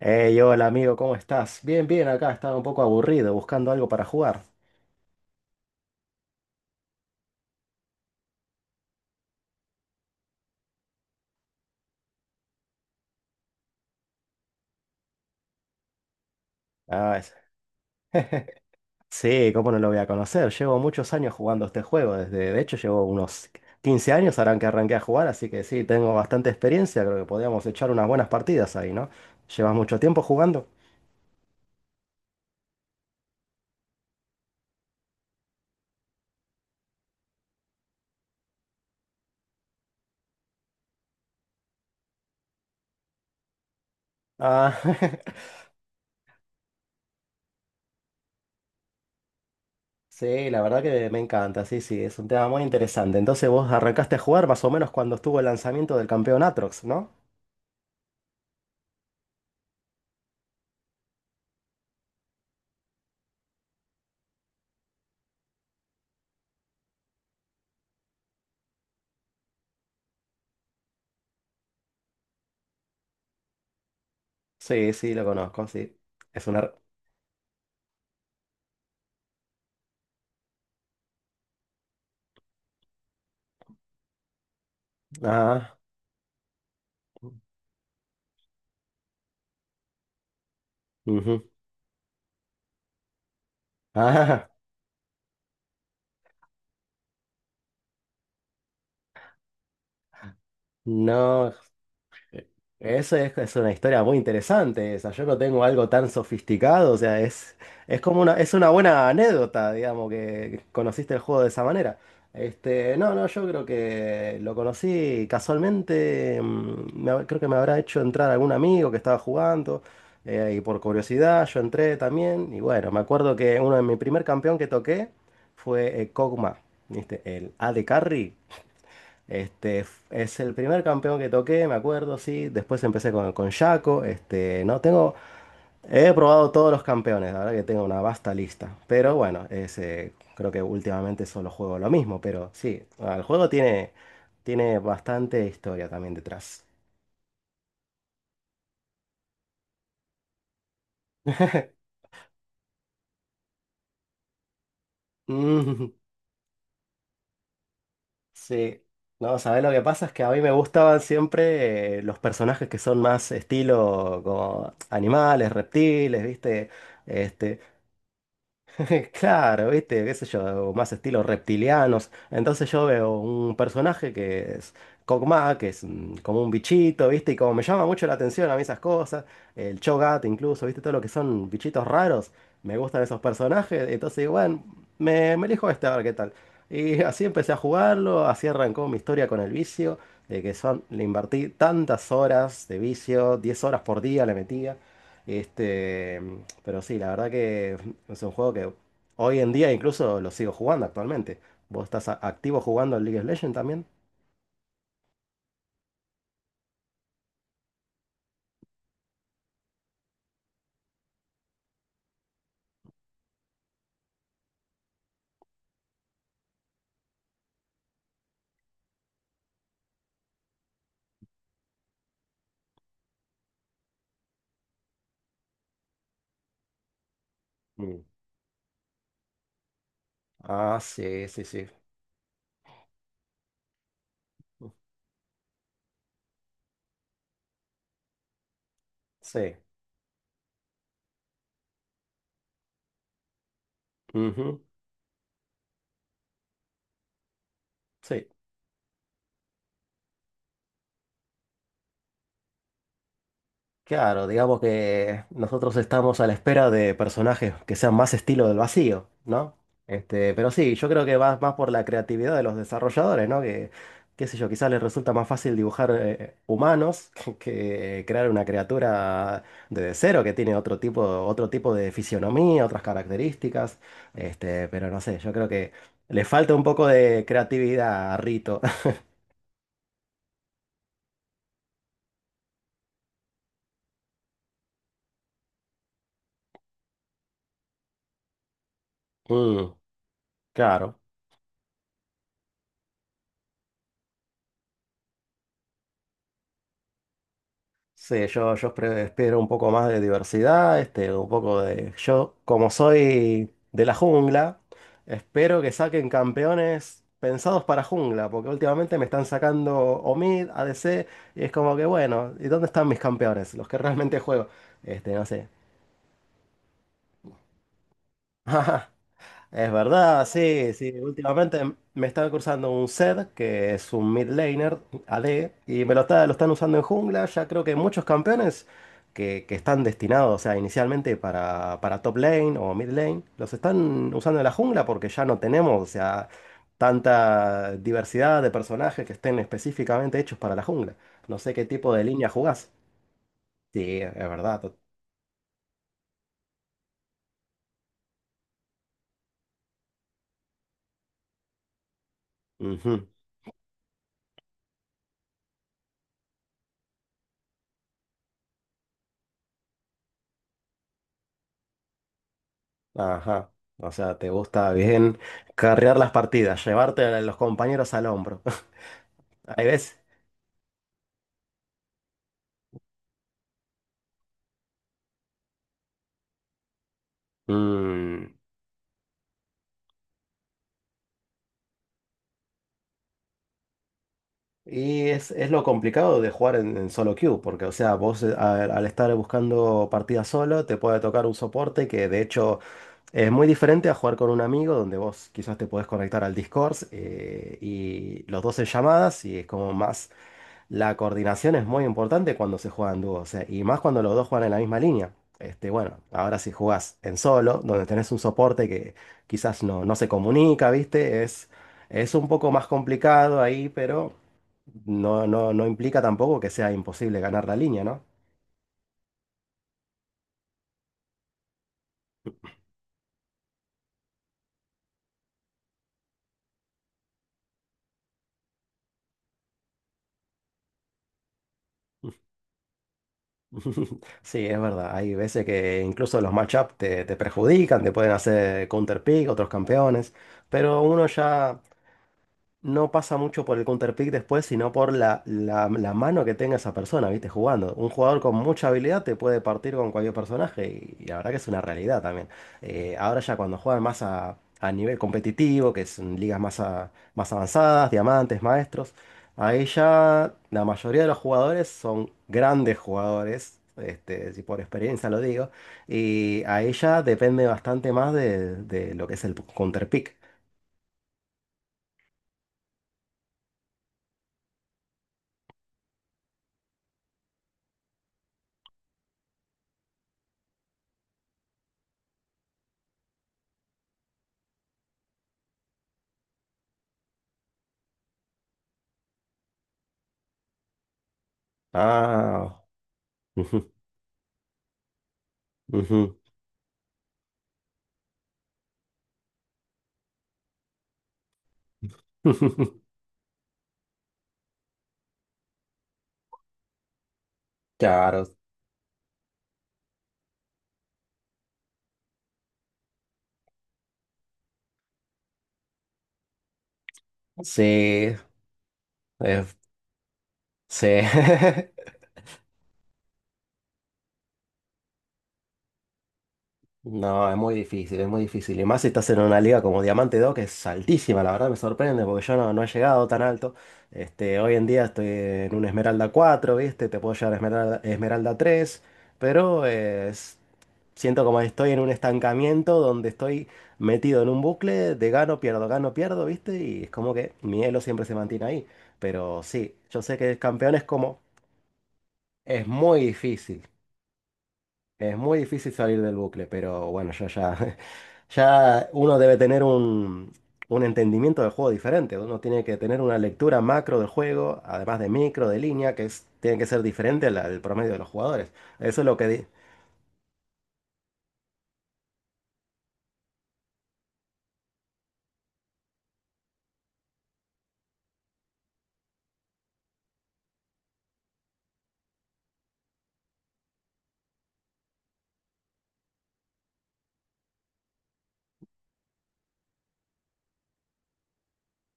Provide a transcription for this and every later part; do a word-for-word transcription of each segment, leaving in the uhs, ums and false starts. Hey, hola amigo, ¿cómo estás? Bien, bien, acá estaba un poco aburrido, buscando algo para jugar. Ah, es- Sí, ¿cómo no lo voy a conocer? Llevo muchos años jugando este juego, desde, de hecho llevo unos quince años harán que arranqué a jugar, así que sí, tengo bastante experiencia, creo que podríamos echar unas buenas partidas ahí, ¿no? ¿Llevas mucho tiempo jugando? Ah, sí, la verdad que me encanta, sí, sí, es un tema muy interesante. Entonces vos arrancaste a jugar más o menos cuando estuvo el lanzamiento del campeón Atrox, ¿no? Sí, sí, lo conozco, sí. Es una. Ah. Ujú. Ah, no, eso es, es una historia muy interesante esa. Yo no tengo algo tan sofisticado, o sea, es, es como una, es una buena anécdota, digamos, que conociste el juego de esa manera. Este, no, no, yo creo que lo conocí casualmente, mm, me hab- creo que me habrá hecho entrar algún amigo que estaba jugando, eh, y por curiosidad yo entré también, y bueno, me acuerdo que uno de mi primer campeón que toqué fue eh, Kog'Maw, ¿viste? El A D Carry. Este, es el primer campeón que toqué, me acuerdo, sí. Después empecé con, con Shaco. Este, no tengo. He probado todos los campeones, la verdad que tengo una vasta lista. Pero bueno, ese, creo que últimamente solo juego lo mismo. Pero sí, el juego tiene, tiene bastante historia también detrás. Mm, sí. No, ¿sabes lo que pasa? Es que a mí me gustaban siempre eh, los personajes que son más estilo como animales, reptiles, ¿viste? Este, claro, viste, qué sé yo, más estilos reptilianos. Entonces yo veo un personaje que es Kog'Maw, que es mm, como un bichito, viste, y como me llama mucho la atención a mí esas cosas, el Cho'Gath incluso, viste, todo lo que son bichitos raros, me gustan esos personajes, entonces digo, bueno, me, me elijo este a ver qué tal. Y así empecé a jugarlo, así arrancó mi historia con el vicio, de que son, le invertí tantas horas de vicio, diez horas por día le metía. Este, mm, pero sí, la verdad que es un juego que hoy en día incluso lo sigo jugando actualmente. ¿Vos estás a- activo jugando en League of Legends también? Mm. Ah, sí, sí, sí. Sí. Ujú, sí. Claro, digamos que nosotros estamos a la espera de personajes que sean más estilo del vacío, ¿no? Este, pero sí, yo creo que va más por la creatividad de los desarrolladores, ¿no? Que, qué sé yo, quizás les resulta más fácil dibujar eh, humanos que crear una criatura de cero que tiene otro tipo, otro tipo de fisionomía, otras características. Este, pero no sé, yo creo que le falta un poco de creatividad a Rito. Mm, claro. Sí, yo, yo espero espero un poco más de diversidad, este, un poco de. Yo, como soy de la jungla, espero que saquen campeones pensados para jungla, porque últimamente me están sacando Omid, A D C, y es como que, bueno, ¿y dónde están mis campeones? Los que realmente juego. Este, no sé. Es verdad, sí, sí. Últimamente me están cruzando un Zed, que es un mid laner A D, y me lo, está- lo están usando en jungla. Ya creo que muchos campeones que, que están destinados, o sea, inicialmente para, para top lane o mid lane, los están usando en la jungla porque ya no tenemos, o sea, tanta diversidad de personajes que estén específicamente hechos para la jungla. No sé qué tipo de línea jugás. Sí, es verdad. Ujú. Ajá. O sea, te gusta bien carrear las partidas, llevarte a los compañeros al hombro. Ahí ves. Mm, Y es, es lo complicado de jugar en, en solo queue, porque, o sea, vos eh, al, al estar buscando partidas solo, te puede tocar un soporte que, de hecho, es muy diferente a jugar con un amigo, donde vos quizás te podés conectar al Discord eh, y los dos en llamadas, y es como más. La coordinación es muy importante cuando se juega en dúo, o sea, y más cuando los dos juegan en la misma línea. Este, bueno, ahora si jugás en solo, donde tenés un soporte que quizás no, no se comunica, ¿viste? Es, es un poco más complicado ahí, pero no, no, no implica tampoco que sea imposible ganar la línea, ¿no? Sí, es verdad. Hay veces que incluso los matchups te, te perjudican, te pueden hacer counterpick, otros campeones, pero uno ya no pasa mucho por el counterpick después, sino por la, la- la mano que tenga esa persona, ¿viste? Jugando. Un jugador con mucha habilidad te puede partir con cualquier personaje y, y la verdad que es una realidad también. Eh, ahora ya cuando juegan más a, a nivel competitivo, que son ligas más, a- más avanzadas, diamantes, maestros, ahí ya la mayoría de los jugadores son grandes jugadores. Este, si por experiencia lo digo, y ahí ya depende bastante más de, de lo que es el counterpick. Ah, ujú, ujú. Claro, sí, es- sí. No, es muy difícil, es muy difícil. Y más si estás en una liga como Diamante dos que es altísima, la verdad me sorprende, porque yo no, no he llegado tan alto. Este, hoy en día estoy en un Esmeralda cuatro, ¿viste? Te puedo llevar a Esmeralda, Esmeralda tres, pero eh, s- siento como estoy en un estancamiento donde estoy metido en un bucle de gano, pierdo, gano, pierdo, ¿viste? Y es como que mi elo siempre se mantiene ahí. Pero sí, yo sé que campeones como. Es muy difícil, es muy difícil salir del bucle, pero bueno, ya, ya, ya uno debe tener un, un entendimiento del juego diferente, uno tiene que tener una lectura macro del juego, además de micro, de línea, que es, tiene que ser diferente al, al promedio de los jugadores. Eso es lo que di.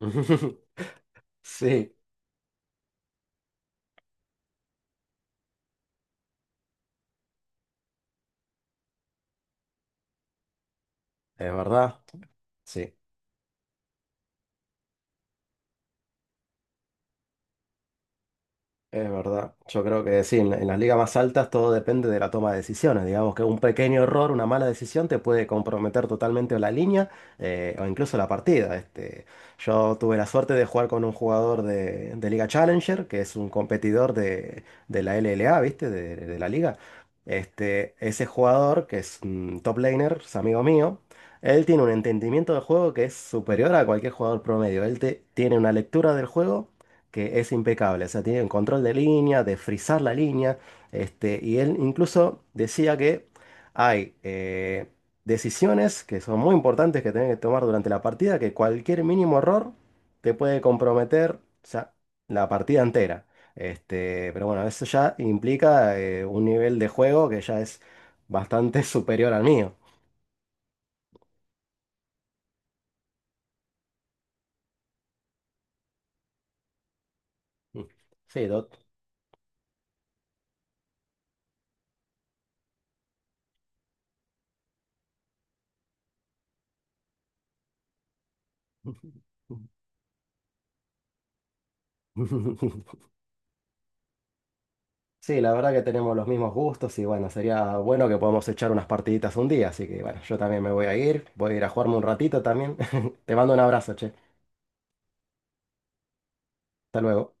Sí, es verdad, sí. Es verdad, yo creo que sí, en, la- en las ligas más altas todo depende de la toma de decisiones. Digamos que un pequeño error, una mala decisión te puede comprometer totalmente la línea eh, o incluso la partida. Este, yo tuve la suerte de jugar con un jugador de, de Liga Challenger, que es un competidor de, de la L L A, ¿viste? De, de la liga. Este, ese jugador, que es un top laner, es amigo mío, él tiene un entendimiento del juego que es superior a cualquier jugador promedio. Él te- tiene una lectura del juego que es impecable. O sea, tiene el control de línea, de frizar la línea. Este, y él incluso decía que hay eh, decisiones que son muy importantes que tienen que tomar durante la partida, que cualquier mínimo error te puede comprometer, o sea, la partida entera. Este, pero bueno, eso ya implica eh, un nivel de juego que ya es bastante superior al mío. Sí, Dot. Sí, la verdad que tenemos los mismos gustos y bueno, sería bueno que podamos echar unas partiditas un día, así que bueno, yo también me voy a ir, voy a ir a jugarme un ratito también. Te mando un abrazo, che. Hasta luego.